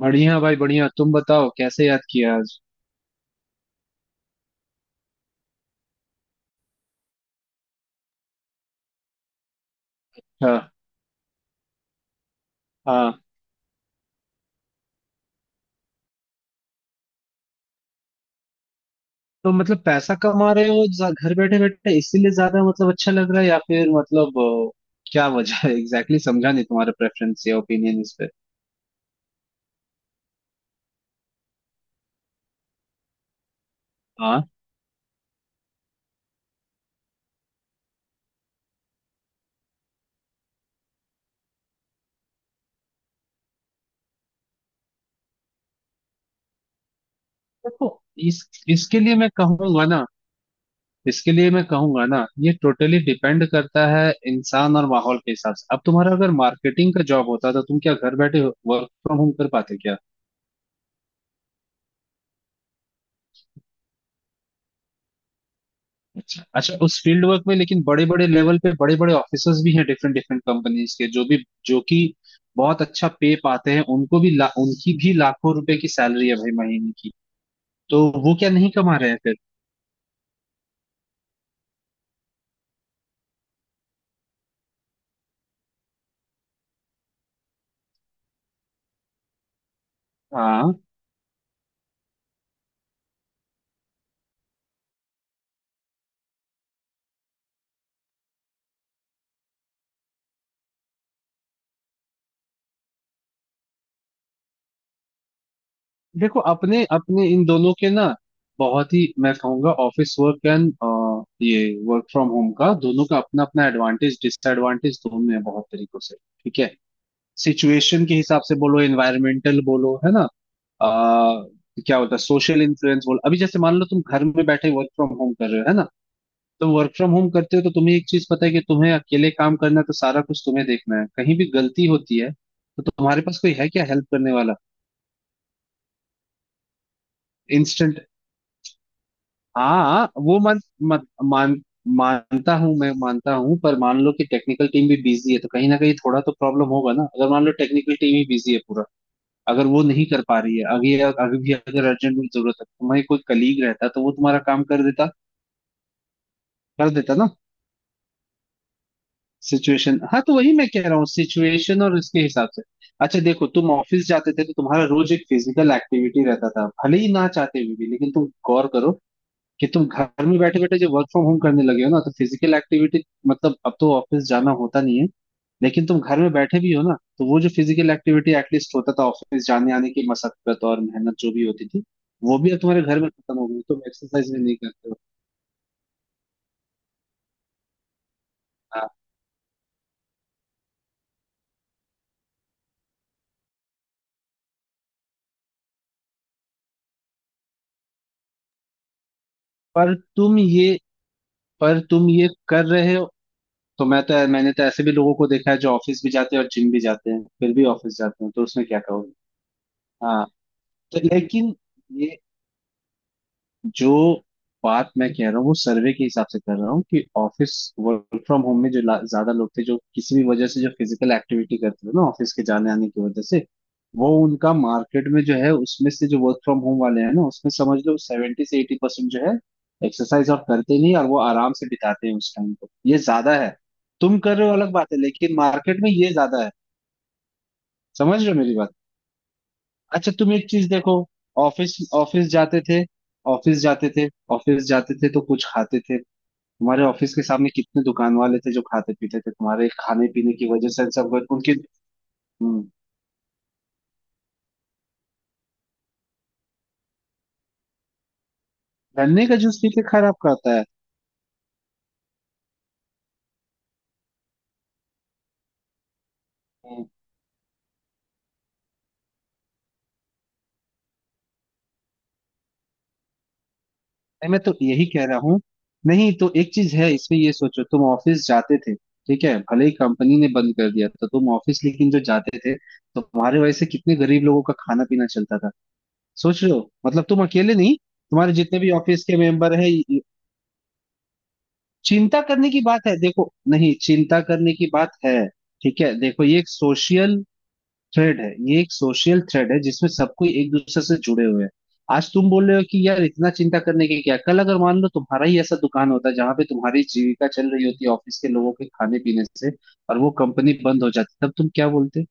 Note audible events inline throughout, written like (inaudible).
बढ़िया भाई बढ़िया। तुम बताओ कैसे याद किया आज? अच्छा। हाँ, तो मतलब पैसा कमा रहे हो घर बैठे बैठे इसीलिए ज्यादा मतलब अच्छा लग रहा है या फिर मतलब क्या वजह है? (laughs) Exactly exactly। समझा नहीं तुम्हारा प्रेफरेंस या ओपिनियन इस पे। हाँ। देखो, इस इसके लिए मैं कहूंगा ना इसके लिए मैं कहूंगा ना, ये टोटली डिपेंड करता है इंसान और माहौल के हिसाब से। अब तुम्हारा अगर मार्केटिंग का जॉब होता तो तुम क्या घर बैठे वर्क फ्रॉम होम कर पाते क्या? अच्छा, उस फील्ड वर्क में लेकिन बड़े बड़े लेवल पे बड़े बड़े ऑफिसर्स भी हैं डिफरेंट डिफरेंट कंपनीज के, जो कि बहुत अच्छा पे पाते हैं, उनको भी उनकी भी लाखों रुपए की सैलरी है भाई महीने की। तो वो क्या नहीं कमा रहे हैं फिर? हाँ। देखो, अपने अपने इन दोनों के ना, बहुत ही मैं कहूंगा ऑफिस वर्क एंड ये वर्क फ्रॉम होम का, दोनों का अपना अपना एडवांटेज डिसएडवांटेज दोनों है बहुत तरीकों से। ठीक है। सिचुएशन के हिसाब से बोलो, एनवायरमेंटल बोलो, है ना। आ, क्या बोलता है, सोशल इन्फ्लुएंस बोल। अभी जैसे मान लो तुम घर में बैठे वर्क फ्रॉम होम कर रहे हो, है ना। तुम वर्क फ्रॉम होम करते हो तो तुम्हें एक चीज पता है कि तुम्हें अकेले काम करना है, तो सारा कुछ तुम्हें देखना है। कहीं भी गलती होती है तो तुम्हारे पास कोई है क्या हेल्प करने वाला? इंस्टेंट। हाँ, वो मान मान मान- मानता हूँ, मैं मानता हूँ। पर मान लो कि टेक्निकल टीम भी बिजी है तो कहीं ना कहीं थोड़ा तो प्रॉब्लम होगा ना। अगर मान लो टेक्निकल टीम ही बिजी है पूरा, अगर वो नहीं कर पा रही है, अभी अभी भी अगर अर्जेंट में जरूरत है तुम्हारे, कोई कलीग रहता तो वो तुम्हारा काम कर देता। कर देता ना। सिचुएशन। हाँ, तो वही मैं कह रहा हूँ, सिचुएशन और उसके हिसाब से। अच्छा देखो, तुम ऑफिस जाते थे तो तुम्हारा रोज एक फिजिकल एक्टिविटी रहता था, भले ही ना चाहते हुए भी। लेकिन तुम गौर करो कि तुम घर में बैठे बैठे जो वर्क फ्रॉम होम करने लगे हो ना, तो फिजिकल एक्टिविटी मतलब अब तो ऑफिस जाना होता नहीं है, लेकिन तुम घर में बैठे भी हो ना, तो वो जो फिजिकल एक्टिविटी एटलीस्ट होता था ऑफिस जाने आने की, मशक्कत और मेहनत जो भी होती थी, वो भी अब तुम्हारे घर में खत्म हो गई। तुम एक्सरसाइज भी नहीं करते हो। हाँ, पर तुम ये पर तुम ये कर रहे हो। मैंने तो ऐसे भी लोगों को देखा है जो ऑफिस भी जाते हैं और जिम भी जाते हैं, फिर भी ऑफिस जाते हैं तो उसमें क्या कहोगे? हाँ। तो लेकिन ये जो बात मैं कह रहा हूँ वो सर्वे के हिसाब से कर रहा हूँ, कि ऑफिस वर्क फ्रॉम होम में जो ज्यादा लोग थे जो किसी भी वजह से जो फिजिकल एक्टिविटी करते थे ना ऑफिस के जाने आने की वजह से, वो उनका मार्केट में जो है उसमें से जो वर्क फ्रॉम होम वाले हैं ना, उसमें समझ लो 70 से 80% जो है एक्सरसाइज और करते नहीं, और वो आराम से बिताते हैं उस टाइम को, ये ज्यादा है। तुम कर रहे हो अलग बात है, लेकिन मार्केट में ये ज्यादा है। समझ रहे हो मेरी बात? अच्छा, तुम एक चीज देखो। ऑफिस ऑफिस जाते थे ऑफिस जाते थे ऑफिस जाते थे तो कुछ खाते थे। तुम्हारे ऑफिस के सामने कितने दुकान वाले थे जो खाते पीते थे तुम्हारे खाने पीने की वजह से, उनके। हम्म। गन्ने का जूस पीते खराब करता है। हम्म। नहीं, मैं तो यही कह रहा हूँ। नहीं तो एक चीज है इसमें, ये सोचो, तुम ऑफिस जाते थे, ठीक है, भले ही कंपनी ने बंद कर दिया तो तुम ऑफिस लेकिन जो जाते थे, तुम्हारे वजह से कितने गरीब लोगों का खाना पीना चलता था? सोच रहे हो, मतलब तुम अकेले नहीं, तुम्हारे जितने भी ऑफिस के मेंबर हैं चिंता करने की बात है। देखो नहीं, चिंता करने की बात है। ठीक है देखो, ये एक सोशल थ्रेड है जिसमें सबको एक दूसरे से जुड़े हुए हैं। आज तुम बोल रहे हो कि यार इतना चिंता करने की क्या, कल अगर मान लो तुम्हारा ही ऐसा दुकान होता जहां पे तुम्हारी जीविका चल रही होती ऑफिस के लोगों के खाने पीने से, और वो कंपनी बंद हो जाती, तब तुम क्या बोलते?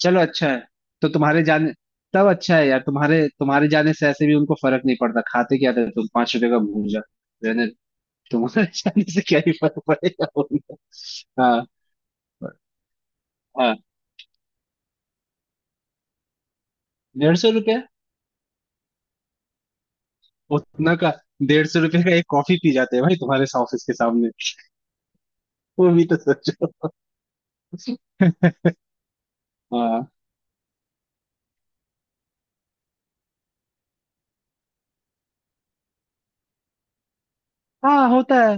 चलो, अच्छा है। तो तुम्हारे जाने तब अच्छा है यार, तुम्हारे तुम्हारे जाने से ऐसे भी उनको फर्क नहीं पड़ता। खाते क्या थे तुम, 5 रुपए का भूजा, रहने तुम्हारे (laughs) जाने से क्या ही फर्क पड़ेगा उनको। हाँ, हाँ। 150 रुपया। उतना का 150 रुपये का एक कॉफी पी जाते हैं भाई तुम्हारे ऑफिस के सामने। वो भी तो सोचो। (laughs) हाँ, हाँ, होता है।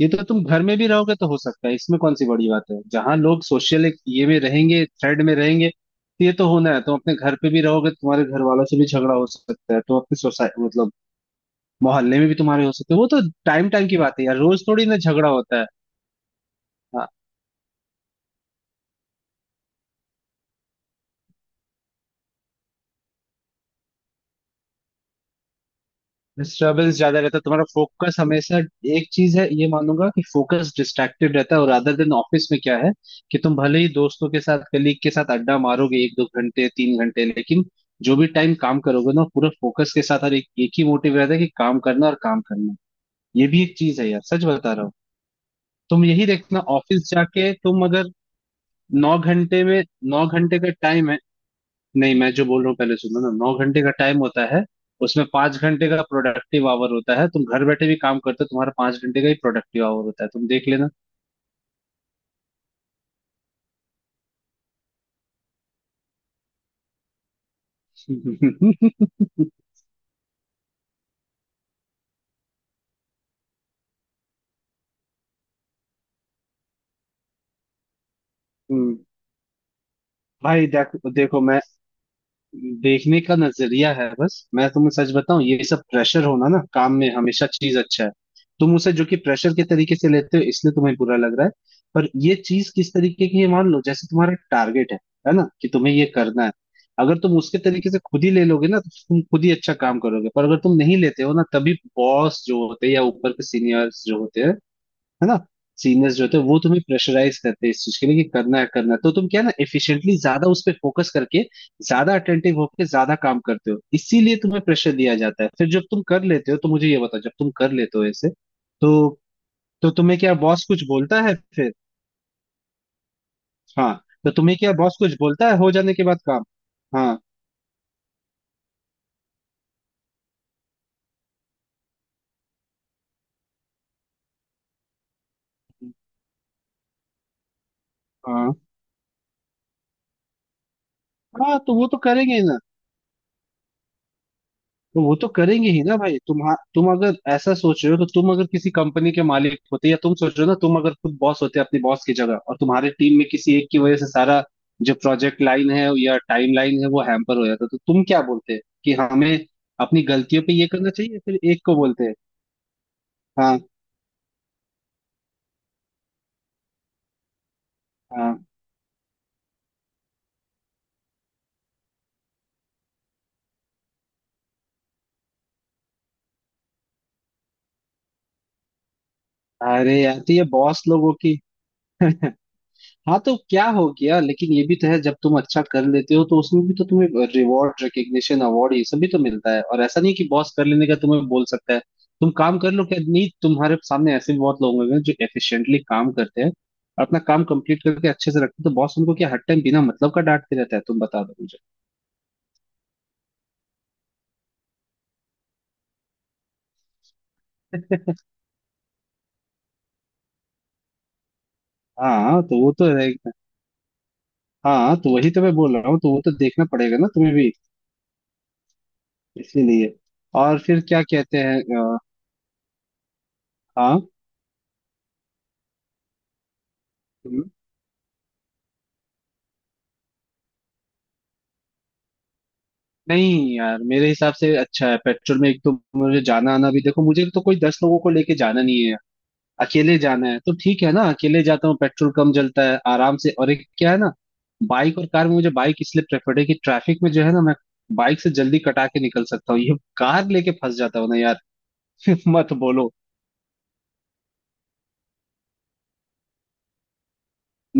ये तो तुम घर में भी रहोगे तो हो सकता है, इसमें कौन सी बड़ी बात है। जहां लोग सोशल एक ये में रहेंगे, थ्रेड में रहेंगे, तो ये तो होना है। तुम अपने घर पे भी रहोगे तुम्हारे घर वालों से भी झगड़ा हो सकता है। तुम अपने सोसाइटी मतलब मोहल्ले में भी तुम्हारे हो सकते हैं। वो तो टाइम टाइम की बात है यार, रोज थोड़ी ना झगड़ा होता है। हाँ। डिस्टर्बेंस ज्यादा रहता है, तुम्हारा फोकस हमेशा एक चीज है। ये मानूंगा कि फोकस डिस्ट्रैक्टेड रहता है, और अदर देन ऑफिस में क्या है कि तुम भले ही दोस्तों के साथ कलीग के साथ अड्डा मारोगे एक दो घंटे 3 घंटे, लेकिन जो भी टाइम काम करोगे ना पूरा फोकस के साथ, और एक ही मोटिव रहता है कि काम करना और काम करना। ये भी एक चीज है यार, सच बता रहा हूँ। तुम यही देखना ऑफिस जाके, तुम अगर 9 घंटे में, 9 घंटे का टाइम है, नहीं मैं जो बोल रहा हूँ पहले सुनो ना, 9 घंटे का टाइम होता है। उसमें 5 घंटे का प्रोडक्टिव आवर होता है। तुम घर बैठे भी काम करते हो, तुम्हारा 5 घंटे का ही प्रोडक्टिव आवर होता है, तुम देख लेना। (laughs) हम्म। भाई देखो देखो, मैं देखने का नजरिया है बस। मैं तुम्हें सच बताऊं, ये सब प्रेशर होना ना काम में, हमेशा चीज अच्छा है। तुम उसे जो कि प्रेशर के तरीके से लेते हो इसलिए तुम्हें बुरा लग रहा है। पर ये चीज किस तरीके की है, मान लो जैसे तुम्हारा टारगेट है ना कि तुम्हें ये करना है। अगर तुम उसके तरीके से खुद ही ले लोगे ना तो तुम खुद ही अच्छा काम करोगे, पर अगर तुम नहीं लेते हो ना तभी बॉस जो होते हैं, या ऊपर के सीनियर्स जो होते हैं, है ना, सीनियर्स जो होते हैं वो तुम्हें प्रेशराइज करते हैं इस चीज के लिए कि करना है करना है। तो तुम क्या है ना एफिशिएंटली ज्यादा उस पर फोकस करके ज्यादा अटेंटिव होकर ज्यादा काम करते हो, इसीलिए तुम्हें प्रेशर दिया जाता है। फिर जब तुम कर लेते हो तो मुझे ये बताओ, जब तुम कर लेते हो ऐसे तो तुम्हें क्या बॉस कुछ बोलता है फिर? हाँ। तो तुम्हें क्या बॉस कुछ बोलता है हो जाने के बाद काम? हाँ। हाँ। हाँ, तो वो तो करेंगे ना। तो वो तो करेंगे ही ना भाई। तुम अगर ऐसा सोच रहे हो तो, तुम अगर किसी कंपनी के मालिक होते, या तुम सोच रहे हो ना, तुम अगर खुद बॉस होते अपनी बॉस की जगह और तुम्हारे टीम में किसी एक की वजह से सारा जो प्रोजेक्ट लाइन है या टाइम लाइन है वो हैम्पर हो जाता, तो तुम क्या बोलते? कि हमें अपनी गलतियों पे ये करना चाहिए, फिर एक को बोलते हैं। हाँ, हाँ। अरे यार तो ये बॉस लोगों की (laughs) हाँ, तो क्या हो गया, लेकिन ये भी तो है, जब तुम अच्छा कर लेते हो तो उसमें भी तो तुम्हें रिवॉर्ड, रिकग्निशन, अवार्ड ये सब भी तो मिलता है। और ऐसा नहीं कि बॉस कर लेने का तुम्हें बोल सकता है, तुम काम कर लो क्या नहीं, तुम्हारे सामने ऐसे भी बहुत लोग होंगे जो एफिशिएंटली काम करते हैं और अपना काम कंप्लीट करके अच्छे से रखते हैं, तो बॉस उनको क्या हर टाइम बिना मतलब का डांटते रहता है, तुम बता दो मुझे। (laughs) हाँ तो वो तो रहेगा। हाँ तो वही तो मैं बोल रहा हूँ, तो वो तो देखना पड़ेगा ना तुम्हें भी, इसीलिए। और फिर क्या कहते हैं हाँ। नहीं यार मेरे हिसाब से अच्छा है, पेट्रोल में एक तो, मुझे जाना आना भी देखो, मुझे तो कोई 10 लोगों को लेके जाना नहीं है, अकेले जाना है तो ठीक है ना, अकेले जाता हूँ, पेट्रोल कम जलता है आराम से। और एक क्या है ना, बाइक और कार में मुझे बाइक इसलिए प्रेफर्ड है कि ट्रैफिक में जो है ना, मैं बाइक से जल्दी कटा के निकल सकता हूँ, ये कार लेके फंस जाता हूँ ना यार। (laughs) मत बोलो।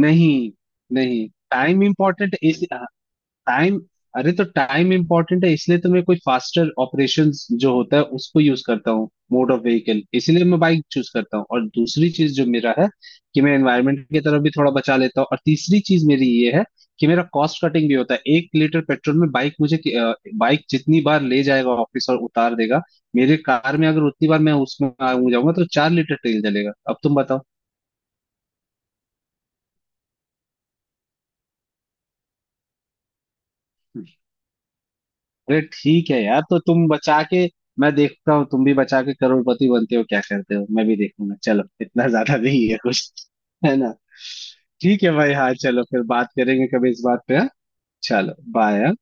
नहीं, नहीं। टाइम इम्पोर्टेंट इस टाइम। अरे, तो टाइम इंपॉर्टेंट है इसलिए तो मैं कोई फास्टर ऑपरेशंस जो होता है उसको यूज करता हूँ, मोड ऑफ व्हीकल, इसीलिए मैं बाइक चूज करता हूँ। और दूसरी चीज जो मेरा है कि मैं एनवायरनमेंट की तरफ भी थोड़ा बचा लेता हूँ। और तीसरी चीज मेरी ये है कि मेरा कॉस्ट कटिंग भी होता है। 1 लीटर पेट्रोल में बाइक जितनी बार ले जाएगा ऑफिस और उतार देगा, मेरे कार में अगर उतनी बार मैं उसमें आ जाऊंगा तो 4 लीटर तेल जलेगा। अब तुम बताओ। अरे ठीक है यार, तो तुम बचा के, मैं देखता हूँ तुम भी बचा के करोड़पति बनते हो क्या करते हो, मैं भी देखूंगा। चलो इतना (laughs) ज्यादा नहीं है कुछ। है ना? ठीक है भाई। हाँ चलो, फिर बात करेंगे कभी इस बात पे, हाँ? चलो बाय।